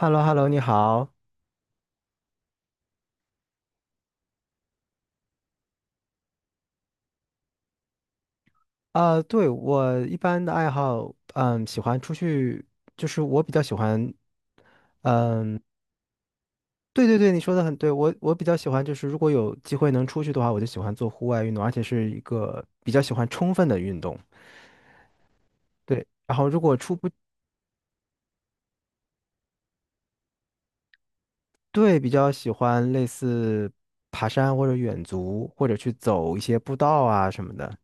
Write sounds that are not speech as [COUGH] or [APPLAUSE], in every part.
h e l l o h e l l o 你好。啊！对，我一般的爱好，喜欢出去，就是我比较喜欢，对对对，你说的很对，我比较喜欢，就是如果有机会能出去的话，我就喜欢做户外运动，而且是一个比较喜欢充分的运动。对，然后如果出不对，比较喜欢类似爬山或者远足，或者去走一些步道啊什么的。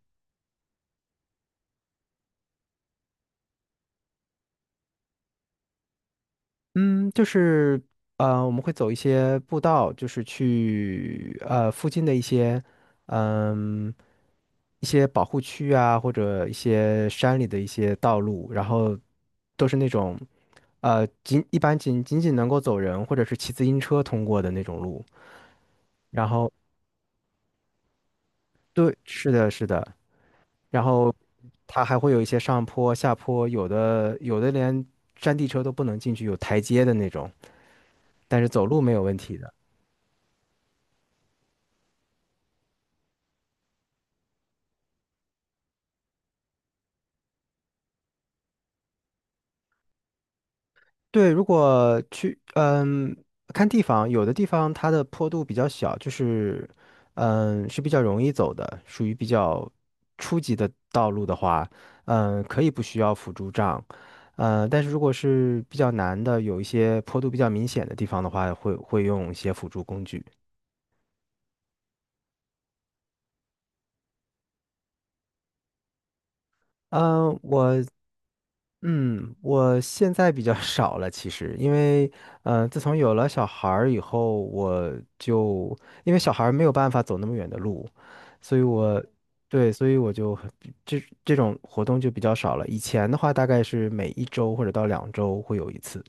嗯，就是我们会走一些步道，就是去附近的一些嗯一些保护区啊，或者一些山里的一些道路，然后都是那种一般仅仅仅能够走人或者是骑自行车通过的那种路。然后对，是的，是的，然后它还会有一些上坡、下坡，有的连山地车都不能进去，有台阶的那种，但是走路没有问题的。对，如果去，看地方，有的地方它的坡度比较小，就是，是比较容易走的，属于比较初级的道路的话，可以不需要辅助杖，但是如果是比较难的，有一些坡度比较明显的地方的话，会用一些辅助工具。嗯，我嗯，我现在比较少了，其实，因为，自从有了小孩儿以后，就因为小孩儿没有办法走那么远的路，所以我，对，所以我就很这种活动就比较少了。以前的话，大概是每一周或者到两周会有一次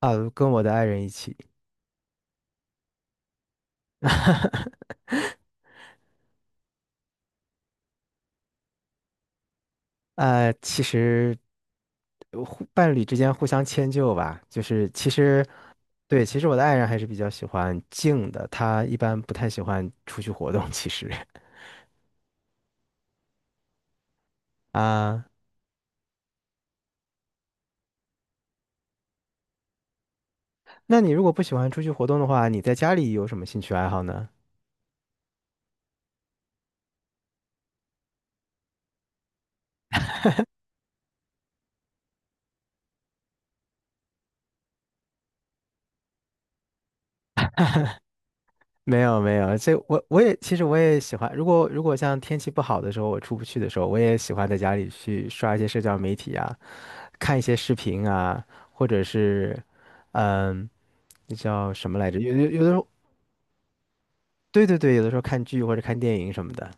啊，跟我的爱人一起。其实伴侣之间互相迁就吧，就是其实对，其实我的爱人还是比较喜欢静的，她一般不太喜欢出去活动。其实 [LAUGHS] 啊，那你如果不喜欢出去活动的话，你在家里有什么兴趣爱好呢？没有没有，这我也其实我也喜欢，如果像天气不好的时候，我出不去的时候，我也喜欢在家里去刷一些社交媒体啊，看一些视频啊，或者是嗯，那叫什么来着？有的时候。对对对，有的时候看剧或者看电影什么的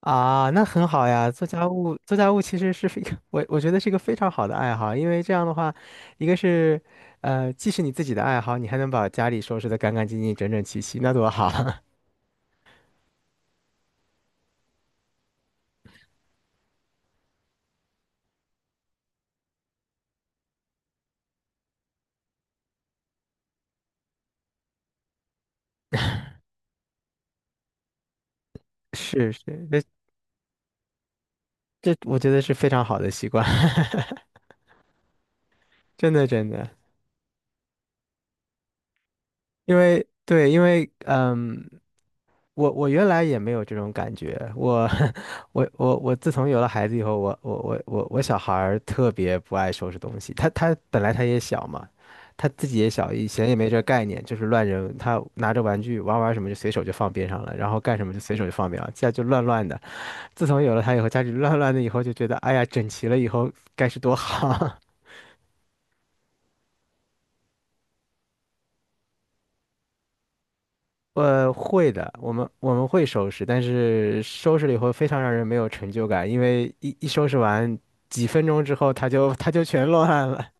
啊，那很好呀。做家务，做家务其实是非 [LAUGHS]，我觉得是一个非常好的爱好，因为这样的话，一个是，既是你自己的爱好，你还能把家里收拾得干干净净、整整齐齐，那多好啊！[LAUGHS] 是是，这这我觉得是非常好的习惯，[LAUGHS] 真的真的。因为对，因为我原来也没有这种感觉，我 [LAUGHS] 我自从有了孩子以后，我小孩儿特别不爱收拾东西，他本来他也小嘛，他自己也小，以前也没这概念，就是乱扔，他拿着玩具玩玩什么就随手就放边上了，然后干什么就随手就放边上，家就乱乱的。自从有了他以后，家里乱乱的以后就觉得，哎呀，整齐了以后该是多好。[LAUGHS] 会的，我们会收拾，但是收拾了以后非常让人没有成就感，因为一收拾完几分钟之后，他就全乱了。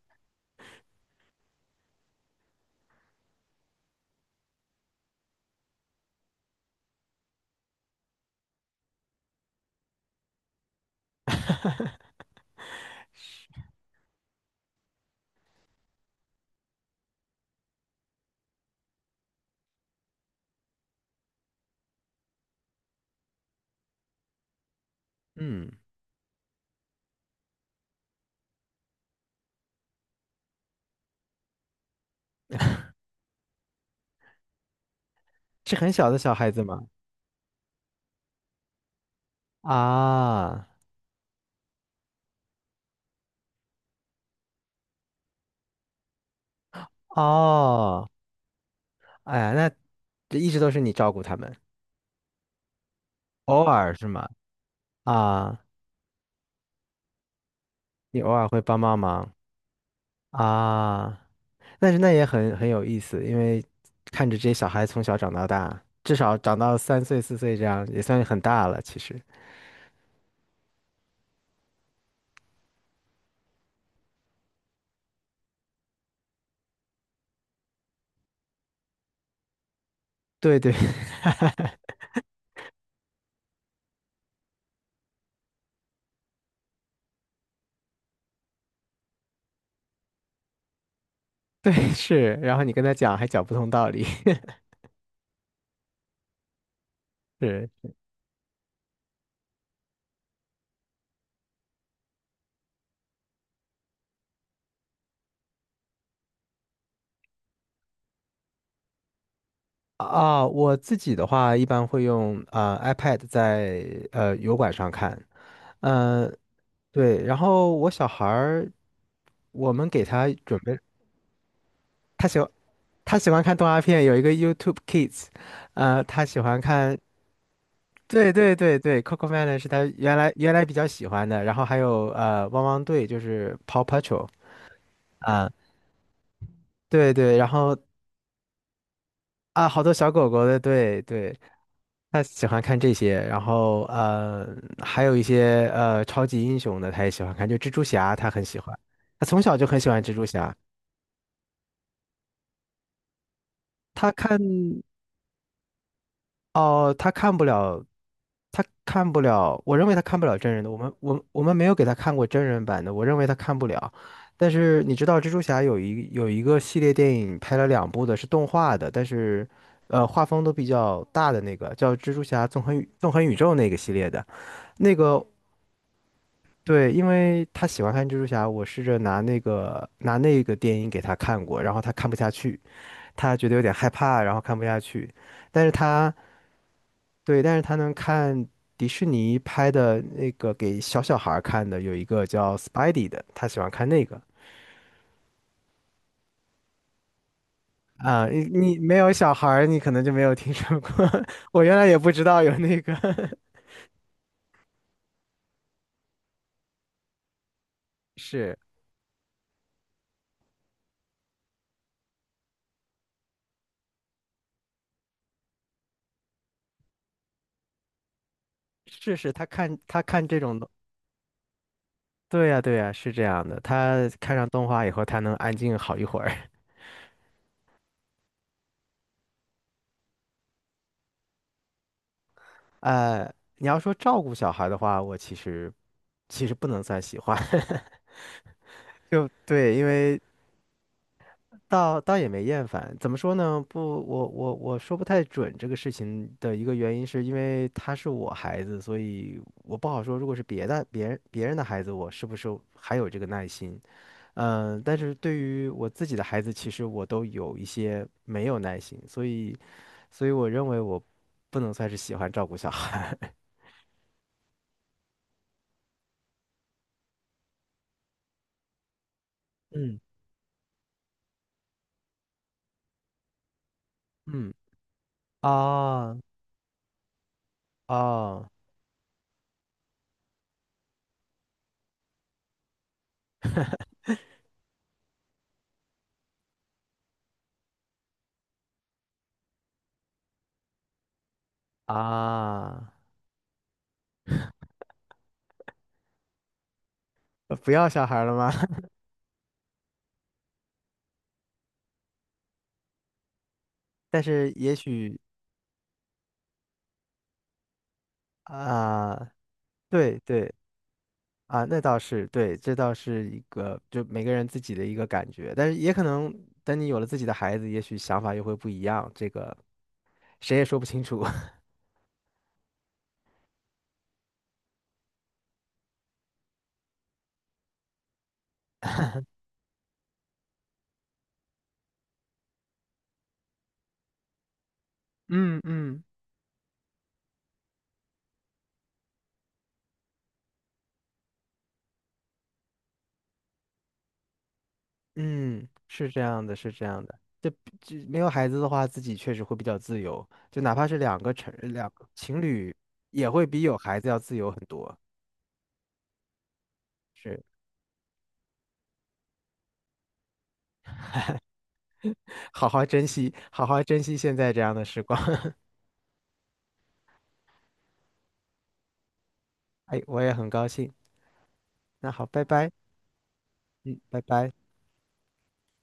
嗯，是很小的小孩子吗？啊，哦，哎呀，那这一直都是你照顾他们，偶尔是吗？啊，你偶尔会帮帮忙啊，但是那也很有意思，因为看着这些小孩从小长到大，至少长到三岁四岁这样，也算很大了，其实。对对 [LAUGHS] 对是，然后你跟他讲还讲不通道理，[LAUGHS] 是啊，我自己的话一般会用iPad 在油管上看，嗯、呃、对，然后我小孩儿我们给他准备，他喜欢他喜欢看动画片，有一个 YouTube Kids,他喜欢看。对对对对，Coco Melon 是他原来比较喜欢的，然后还有汪汪队就是 Paw Patrol 啊，对对，然后啊好多小狗狗的，对对，他喜欢看这些，然后还有一些超级英雄的，他也喜欢看，就蜘蛛侠，他很喜欢。他从小就很喜欢蜘蛛侠。他看哦，他看不了，他看不了。我认为他看不了真人的。我们没有给他看过真人版的，我认为他看不了。但是你知道，蜘蛛侠有一个系列电影拍了两部的，是动画的，但是画风都比较大的那个，叫《蜘蛛侠纵横宇宙》那个系列的。那个对，因为他喜欢看蜘蛛侠，我试着拿那个电影给他看过，然后他看不下去，他觉得有点害怕，然后看不下去。但是他对，但是他能看迪士尼拍的那个给小小孩儿看的，有一个叫《Spidey》的，他喜欢看那个啊。你没有小孩儿你可能就没有听说过。[LAUGHS] 我原来也不知道有那个，[LAUGHS] 是是是，他看这种东，对呀对呀，是这样的。他看上动画以后，他能安静好一会儿。你要说照顾小孩的话，我其实其实不能算喜欢，[LAUGHS] 就对，因为倒也没厌烦。怎么说呢？不，我说不太准这个事情的一个原因，是因为他是我孩子，所以我不好说。如果是别人的孩子，我是不是还有这个耐心？但是对于我自己的孩子，其实我都有一些没有耐心，所以我认为我不能算是喜欢照顾小孩。[LAUGHS] 嗯。嗯。啊哦啊，不要小孩了吗？[LAUGHS] 但是也许啊，对对啊，那倒是对，这倒是一个就每个人自己的一个感觉，但是也可能等你有了自己的孩子，也许想法又会不一样，这个谁也说不清楚。[LAUGHS] 嗯嗯嗯，是这样的，是这样的。就没有孩子的话，自己确实会比较自由，就哪怕是两个情侣，也会比有孩子要自由很多。是。好好珍惜，好好珍惜现在这样的时光。[LAUGHS] 哎，我也很高兴。那好，拜拜，拜拜。